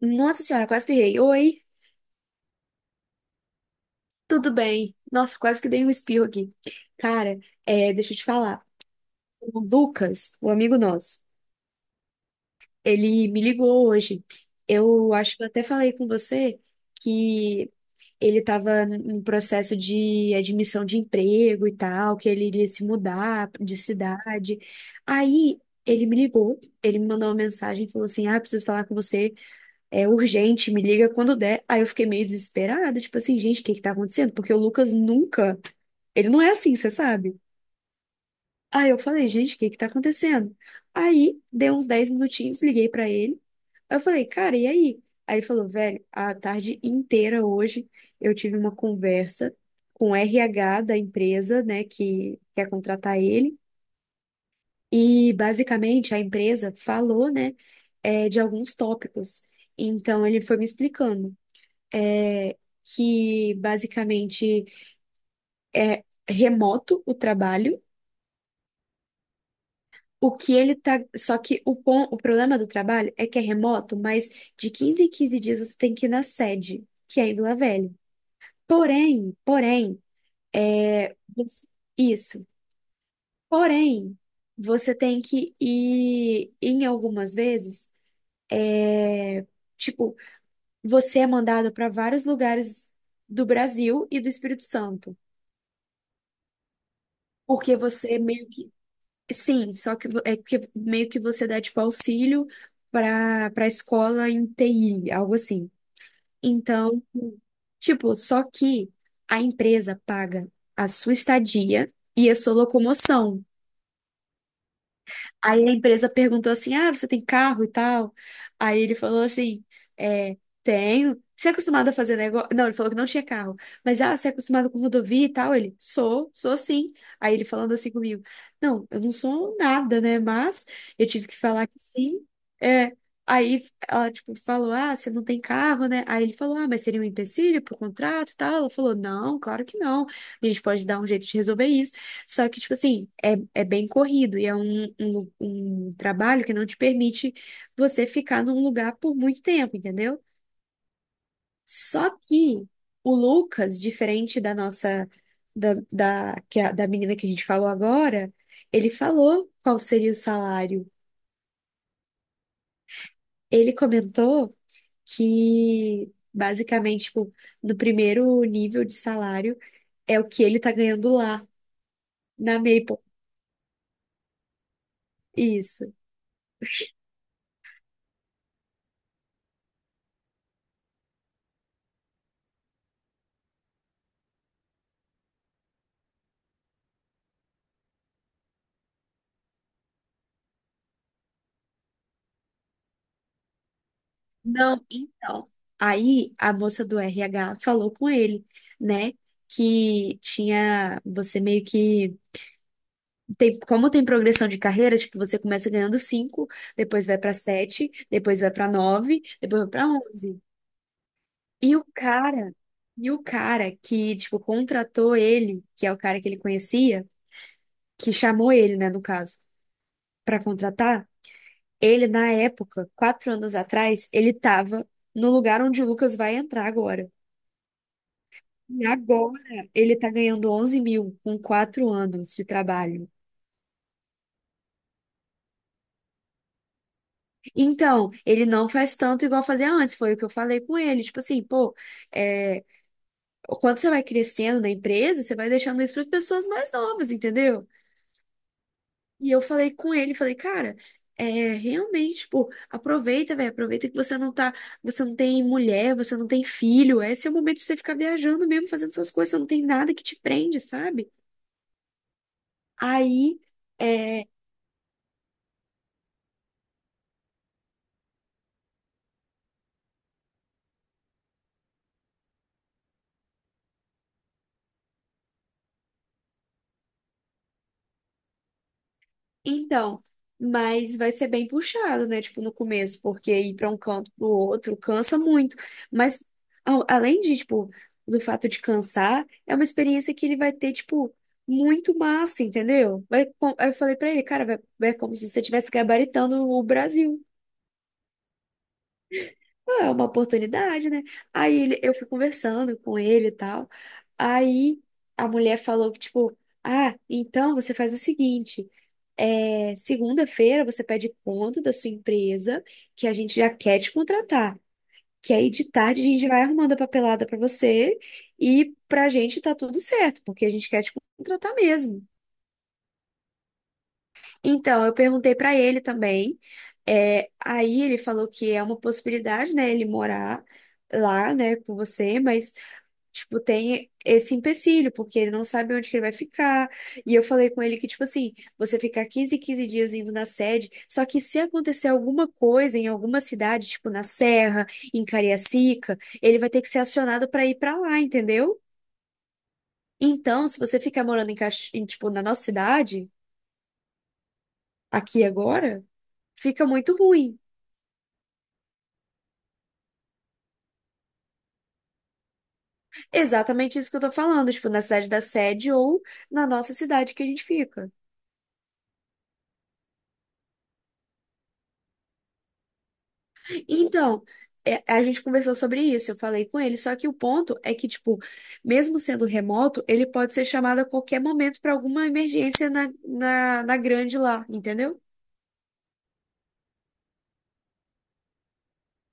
Nossa senhora, quase pirrei. Oi, tudo bem? Nossa, quase que dei um espirro aqui. Cara, deixa eu te falar. O Lucas, o amigo nosso, ele me ligou hoje. Eu acho que eu até falei com você que ele estava em processo de admissão de emprego e tal, que ele iria se mudar de cidade. Aí ele me ligou, ele me mandou uma mensagem, e falou assim: Ah, preciso falar com você. É urgente, me liga quando der. Aí eu fiquei meio desesperada, tipo assim, gente, o que que tá acontecendo? Porque o Lucas nunca, ele não é assim, você sabe? Aí eu falei, gente, o que que tá acontecendo? Aí deu uns 10 minutinhos, liguei pra ele. Aí eu falei, cara, e aí? Aí ele falou, velho, a tarde inteira hoje eu tive uma conversa com o RH da empresa, né, que quer contratar ele. E basicamente a empresa falou, né, de alguns tópicos. Então ele foi me explicando. é, que basicamente é remoto o trabalho. O que ele tá. Só que o problema do trabalho é que é remoto, mas de 15 em 15 dias você tem que ir na sede, que é em Vila Velha. Porém, você- isso. Porém, você tem que ir em algumas vezes. é, Tipo, você é mandado para vários lugares do Brasil e do Espírito Santo, porque você meio que. Sim, só que é que meio que você dá tipo auxílio para escola em TI, algo assim. Então, tipo, só que a empresa paga a sua estadia e a sua locomoção. Aí a empresa perguntou assim: Ah, você tem carro e tal? Aí ele falou assim: é, Tenho. Você é acostumado a fazer negócio? Não, ele falou que não tinha carro. Mas, ah, você é acostumado com rodovia e tal? Ele, sou sim. Aí ele falando assim comigo: Não, eu não sou nada, né? Mas eu tive que falar que sim. É. Aí ela, tipo, falou: Ah, você não tem carro, né? Aí ele falou: Ah, mas seria um empecilho pro contrato e tal? Ela falou: Não, claro que não. A gente pode dar um jeito de resolver isso. Só que, tipo assim, é bem corrido e é um trabalho que não te permite você ficar num lugar por muito tempo, entendeu? Só que o Lucas, diferente da nossa, da menina que a gente falou agora, ele falou qual seria o salário. Ele comentou que, basicamente, tipo, no primeiro nível de salário é o que ele tá ganhando lá, na Maple. Isso. Não, então. Aí a moça do RH falou com ele, né? Que tinha você meio que tem, como tem progressão de carreira, tipo, você começa ganhando 5, depois vai pra 7, depois vai pra 9, depois vai pra 11. E o cara, e o cara que, tipo, contratou ele, que é o cara que ele conhecia, que chamou ele, né, no caso, pra contratar, ele na época, 4 anos atrás, ele tava no lugar onde o Lucas vai entrar agora. E agora ele tá ganhando 11 mil com 4 anos de trabalho. Então, ele não faz tanto igual fazia antes, foi o que eu falei com ele. Tipo assim, pô, é, quando você vai crescendo na empresa, você vai deixando isso para pessoas mais novas, entendeu? E eu falei com ele, falei, cara, realmente, pô, aproveita, velho, aproveita que você não tá, você não tem mulher, você não tem filho, esse é o momento de você ficar viajando mesmo, fazendo suas coisas, você não tem nada que te prende, sabe? Aí. é, Então, mas vai ser bem puxado, né? Tipo, no começo, porque ir para um canto pro outro cansa muito. Mas além de, tipo, do fato de cansar, é uma experiência que ele vai ter, tipo, muito massa, entendeu? Vai, aí eu falei pra ele, cara, vai, é como se você estivesse gabaritando o Brasil. Ah, é uma oportunidade, né? Aí eu fui conversando com ele e tal. Aí a mulher falou que, tipo, ah, então você faz o seguinte. É, segunda-feira você pede conta da sua empresa, que a gente já quer te contratar. Que aí de tarde a gente vai arrumando a papelada pra você e pra gente tá tudo certo, porque a gente quer te contratar mesmo. Então, eu perguntei pra ele também. Aí ele falou que é uma possibilidade, né, ele morar lá, né, com você, mas tipo, tem esse empecilho, porque ele não sabe onde que ele vai ficar. E eu falei com ele que, tipo assim, você ficar 15 dias indo na sede, só que se acontecer alguma coisa em alguma cidade, tipo na Serra, em Cariacica, ele vai ter que ser acionado para ir para lá, entendeu? Então, se você ficar morando em, em, tipo, na nossa cidade, aqui agora, fica muito ruim. Exatamente isso que eu tô falando, tipo, na cidade da sede ou na nossa cidade que a gente fica. Então, a gente conversou sobre isso, eu falei com ele, só que o ponto é que, tipo, mesmo sendo remoto, ele pode ser chamado a qualquer momento para alguma emergência na grande lá, entendeu?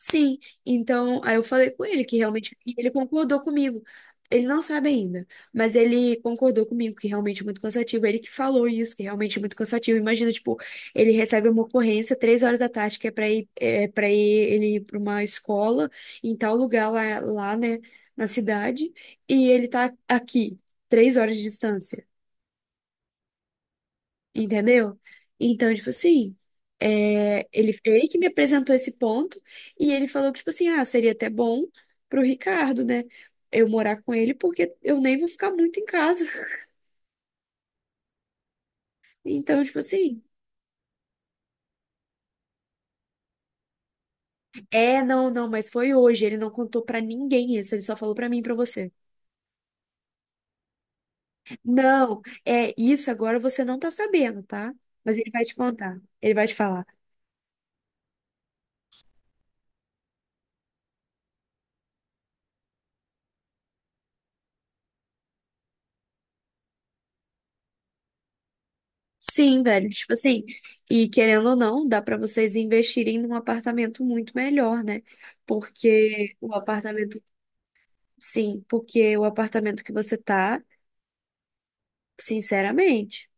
Sim, então aí eu falei com ele que realmente e ele concordou comigo. Ele não sabe ainda, mas ele concordou comigo que realmente é muito cansativo. Ele que falou isso, que realmente é muito cansativo. Imagina, tipo, ele recebe uma ocorrência 3 horas da tarde que é para ir ele ir para uma escola em tal lugar lá, né, na cidade, e ele tá aqui 3 horas de distância. Entendeu? Então, tipo assim, ele que me apresentou esse ponto e ele falou que, tipo assim, ah, seria até bom pro Ricardo, né? Eu morar com ele, porque eu nem vou ficar muito em casa. Então, tipo assim, não, não, mas foi hoje. Ele não contou pra ninguém isso, ele só falou pra mim e pra você. Não, é isso agora você não tá sabendo, tá? Mas ele vai te contar, ele vai te falar. Sim, velho, tipo assim, e querendo ou não, dá pra vocês investirem num apartamento muito melhor, né? Porque o apartamento, sim, porque o apartamento que você tá, sinceramente.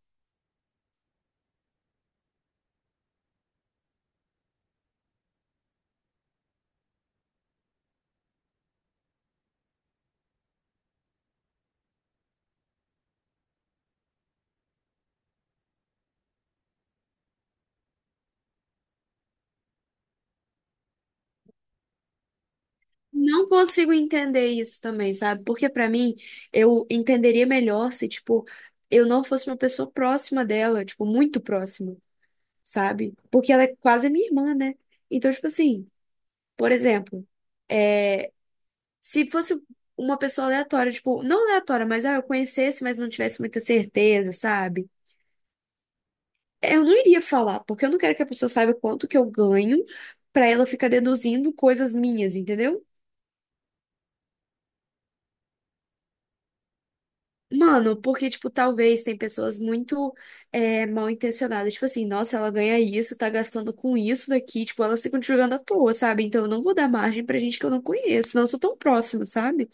Não consigo entender isso também, sabe? Porque pra mim, eu entenderia melhor se, tipo, eu não fosse uma pessoa próxima dela, tipo, muito próxima, sabe? Porque ela é quase minha irmã, né? Então, tipo assim, por exemplo, se fosse uma pessoa aleatória, tipo, não aleatória, mas ah, eu conhecesse, mas não tivesse muita certeza, sabe? Eu não iria falar, porque eu não quero que a pessoa saiba quanto que eu ganho pra ela ficar deduzindo coisas minhas, entendeu? Mano, porque, tipo, talvez tem pessoas muito mal intencionadas, tipo assim, nossa, ela ganha isso, tá gastando com isso daqui, tipo, elas ficam te jogando à toa, sabe? Então eu não vou dar margem pra gente que eu não conheço, não sou tão próxima, sabe?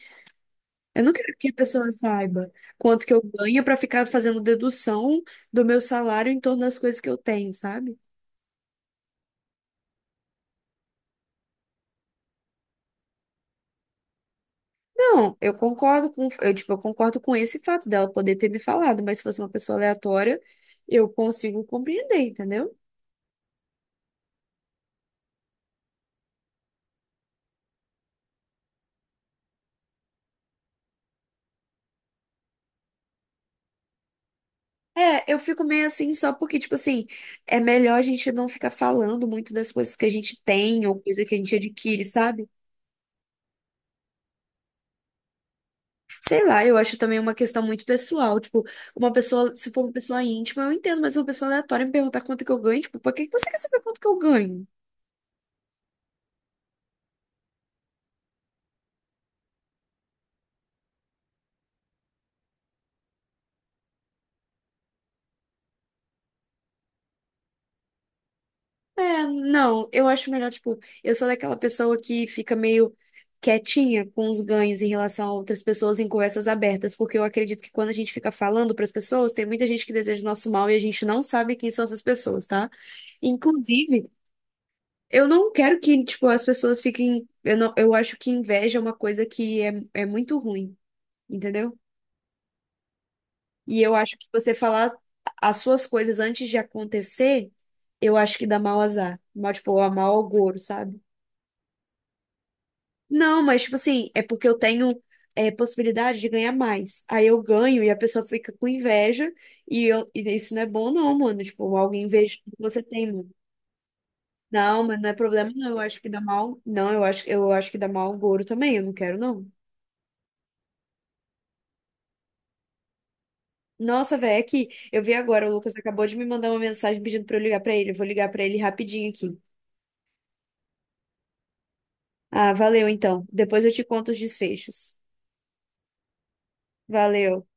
Eu não quero que a pessoa saiba quanto que eu ganho pra ficar fazendo dedução do meu salário em torno das coisas que eu tenho, sabe? Não, eu concordo com, eu, tipo, eu concordo com esse fato dela poder ter me falado, mas se fosse uma pessoa aleatória, eu consigo compreender, entendeu? É, eu fico meio assim só porque, tipo assim, é melhor a gente não ficar falando muito das coisas que a gente tem ou coisa que a gente adquire, sabe? Sei lá, eu acho também uma questão muito pessoal. Tipo, uma pessoa, se for uma pessoa íntima, eu entendo, mas uma pessoa aleatória me perguntar quanto que eu ganho, tipo, por que que você quer saber quanto que eu ganho? É, não, eu acho melhor, tipo, eu sou daquela pessoa que fica meio quietinha com os ganhos em relação a outras pessoas em conversas abertas, porque eu acredito que quando a gente fica falando para as pessoas, tem muita gente que deseja o nosso mal e a gente não sabe quem são essas pessoas, tá? Inclusive, eu não quero que, tipo, as pessoas fiquem. Eu, não, eu acho que inveja é uma coisa que é muito ruim. Entendeu? E eu acho que você falar as suas coisas antes de acontecer, eu acho que dá mau azar. Mal, tipo, a mau agouro, sabe? Não, mas, tipo assim, é porque eu tenho possibilidade de ganhar mais. Aí eu ganho e a pessoa fica com inveja e isso não é bom, não, mano. Tipo, alguém inveja do que você tem, mano. Não, mas não é problema, não. Eu acho que dá mal. Não, eu acho que dá mal agouro também. Eu não quero, não. Nossa, velho, é que eu vi agora, o Lucas acabou de me mandar uma mensagem pedindo pra eu ligar pra ele. Eu vou ligar pra ele rapidinho aqui. Ah, valeu então. Depois eu te conto os desfechos. Valeu.